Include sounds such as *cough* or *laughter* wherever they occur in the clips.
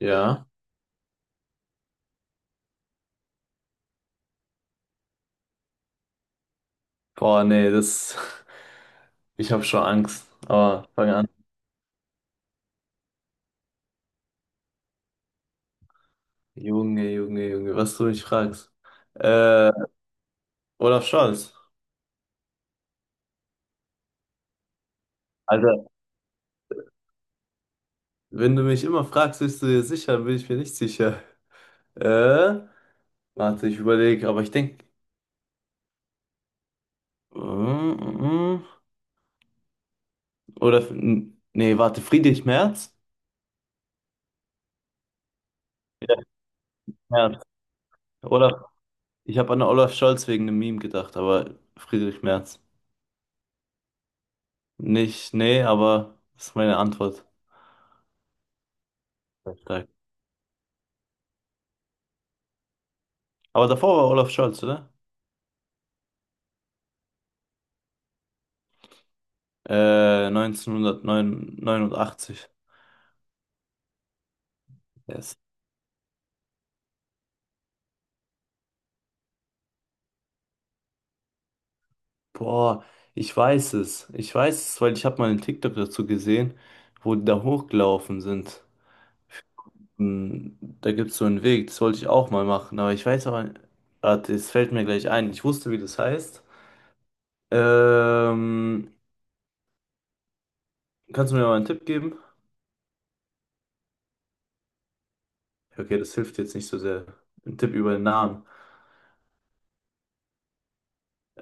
Ja. Boah, nee, das. *laughs* Ich habe schon Angst. Aber fang an. Junge, Junge, Junge, was du mich fragst. Äh, Olaf Scholz. Alter, wenn du mich immer fragst, bist du dir sicher, dann bin ich mir nicht sicher. Äh, Warte, ich überlege, aber ich denke. Oder. Nee, warte, Friedrich Merz? Ja, Merz. Olaf. Ich habe an Olaf Scholz wegen einem Meme gedacht, aber Friedrich Merz. Nicht, nee, aber das ist meine Antwort. Sehr stark. Aber davor war Olaf Scholz, oder? 1989. Yes. Boah, ich weiß es. Ich weiß es, weil ich habe mal einen TikTok dazu gesehen, wo die da hochgelaufen sind. Da gibt es so einen Weg, das wollte ich auch mal machen, aber ich weiß aber, warte, es fällt mir gleich ein. Ich wusste, wie das heißt. Ähm, Kannst du mir mal einen Tipp geben? Okay, das hilft jetzt nicht so sehr. Ein Tipp über den Namen.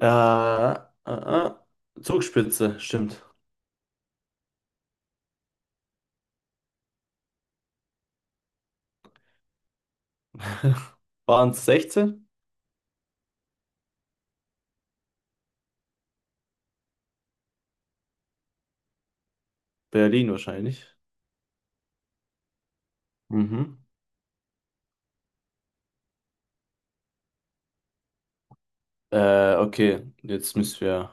Äh, äh, äh, Zugspitze, stimmt. *laughs* Waren es 16? Berlin wahrscheinlich. Mhm. Okay, jetzt müssen wir.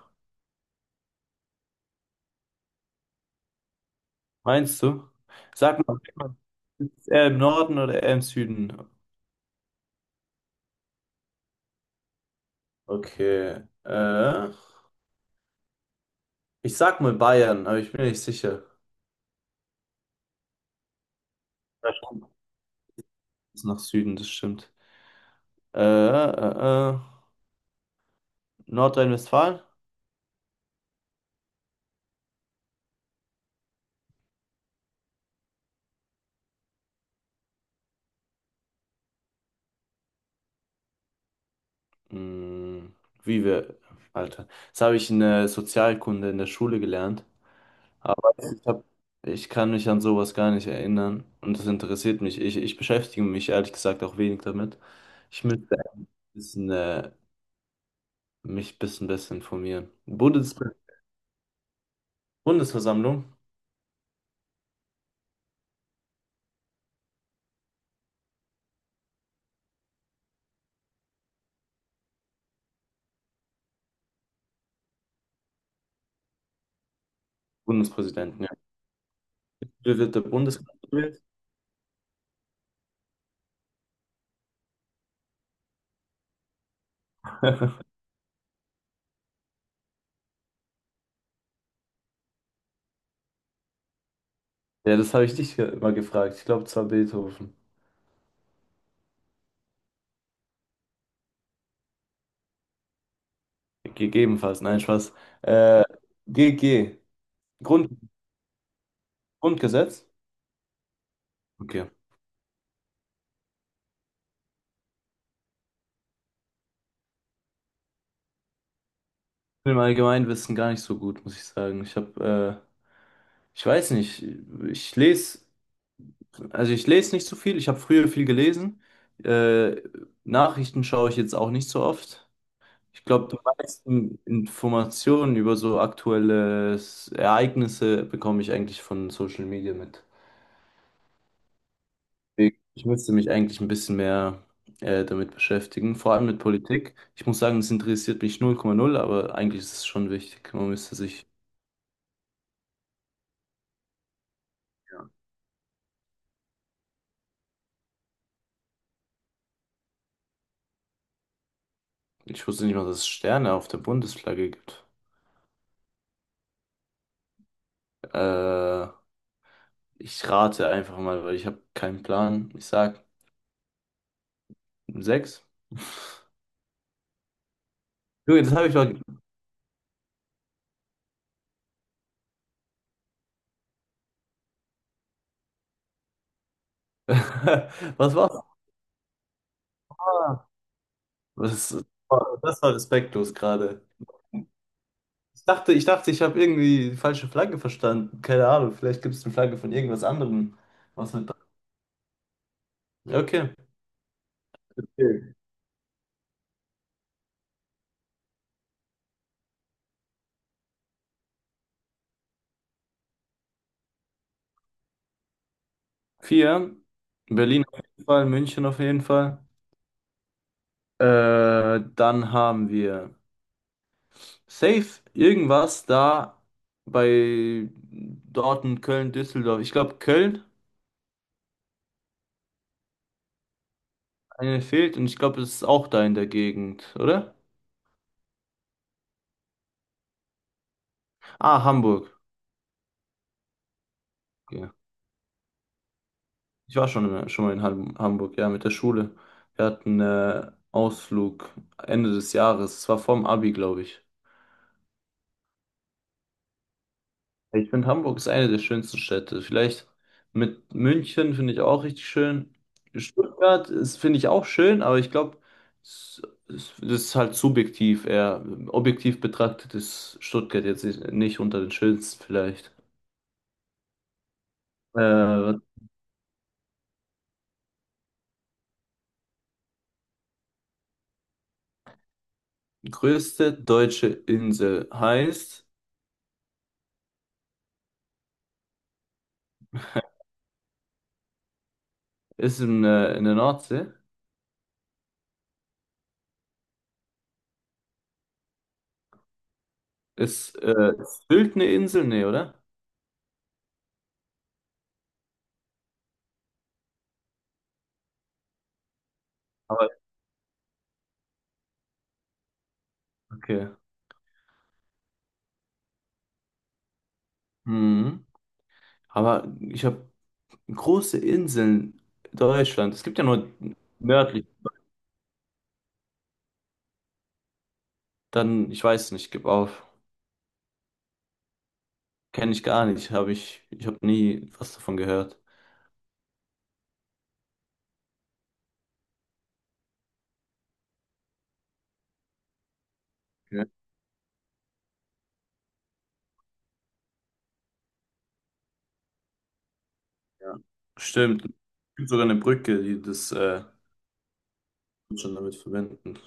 Meinst du? Sag mal, ist er im Norden oder eher im Süden? Okay. Ich sag mal Bayern, aber ich bin nicht sicher. Ja, ist nach Süden, das stimmt. Äh, äh, äh, Nordrhein-Westfalen? Hm, Wie wir. Alter. Das habe ich in der Sozialkunde in der Schule gelernt. Aber ich kann mich an sowas gar nicht erinnern. Und das interessiert mich. Ich beschäftige mich ehrlich gesagt auch wenig damit. Ich müsste bisschen, mich bis ein bisschen besser informieren. Bundesversammlung? Bundespräsidenten, ja. Wie wird der Bundespräsident gewählt? *laughs* Ja, das habe ich dich mal gefragt. Ich glaube, zwar Beethoven. Gegebenenfalls, nein, Spaß. Äh, GG. Grund Grundgesetz? Okay. Ich bin im Allgemeinwissen gar nicht so gut, muss ich sagen. Ich weiß nicht, ich lese, also ich lese nicht so viel. Ich habe früher viel gelesen. Äh, Nachrichten schaue ich jetzt auch nicht so oft. Ich glaube, die meisten Informationen über so aktuelle Ereignisse bekomme ich eigentlich von Social Media mit. Deswegen, ich müsste mich eigentlich ein bisschen mehr damit beschäftigen, vor allem mit Politik. Ich muss sagen, das interessiert mich 0,0, aber eigentlich ist es schon wichtig. Man müsste sich. Ich wusste nicht mal, dass es Sterne auf der Bundesflagge gibt. Äh, Ich rate einfach mal, weil ich habe keinen Plan. Ich sag sechs. Junge, das habe ich doch. *laughs* Was war's? Ah, Das, das war respektlos gerade. Ich dachte, ich habe irgendwie die falsche Flagge verstanden. Keine Ahnung, vielleicht gibt es eine Flagge von irgendwas anderem. Was mit. Okay. Okay. Vier. Berlin auf jeden Fall, München auf jeden Fall. Dann haben wir safe irgendwas da bei Dortmund, Köln, Düsseldorf. Ich glaube, Köln. Eine fehlt und ich glaube, es ist auch da in der Gegend, oder? Ah, Hamburg. Okay. Ich war schon mal in Hamburg, ja, mit der Schule. Wir hatten Ausflug Ende des Jahres. Es war vorm Abi, glaube ich. Ich finde, Hamburg ist eine der schönsten Städte. Vielleicht mit München finde ich auch richtig schön. Stuttgart ist, finde ich, auch schön, aber ich glaube, es, das ist halt subjektiv eher. Objektiv betrachtet ist Stuttgart jetzt nicht unter den schönsten vielleicht. Äh, Größte deutsche Insel heißt, ist in der Nordsee. Ist Sylt eine Insel? Nee, oder? Aber okay. Mhm. Aber ich habe große Inseln. Deutschland. Es gibt ja nur nördlich. Dann, ich weiß nicht, gib auf. Kenne ich gar nicht. Ich habe nie was davon gehört. Okay. Ja. Stimmt. Es gibt sogar eine Brücke, die das schon damit verbinden.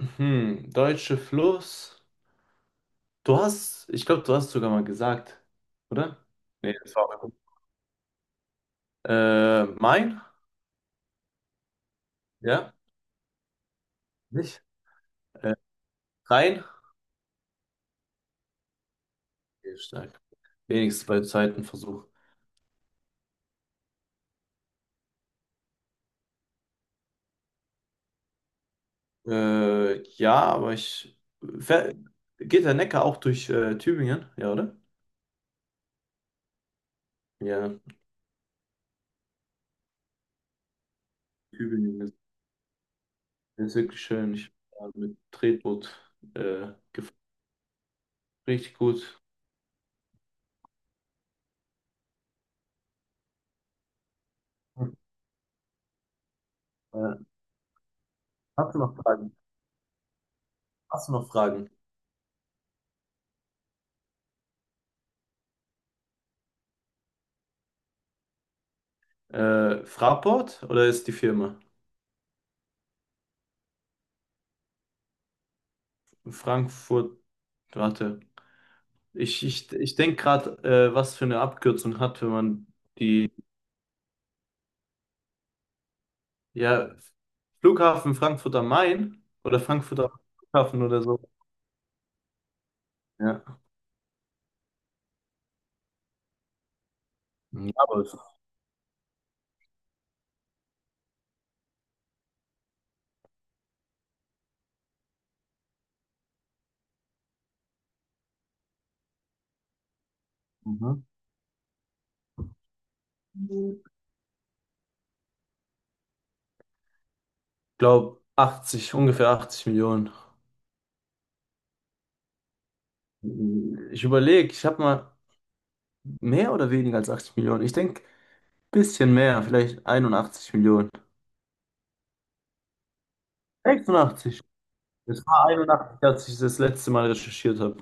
Deutsche Fluss. Du hast, ich glaube, du hast sogar mal gesagt, oder? Nee, das war. Main? Ja? Nicht? Rein? Okay, stark. Wenigstens bei zweiten Versuch. Ja, aber ich. Ver- Geht der Neckar auch durch Tübingen? Ja, oder? Ja, Tübingen ist wirklich schön. Ich war mit Tretboot äh, gef- richtig gut. Äh, Hast du noch Fragen? Hast du noch Fragen? Fraport oder ist die Firma? Frankfurt, warte. Ich denke gerade, was für eine Abkürzung hat, wenn man die. Ja, Flughafen Frankfurt am Main oder Frankfurt am Flughafen oder so. Ja. Ja, aber mhm. glaube 80, ungefähr 80 Millionen. Ich überlege, ich habe mal mehr oder weniger als 80 Millionen. Ich denke, bisschen mehr, vielleicht 81 Millionen. 86. Es war 81, als ich das letzte Mal recherchiert habe.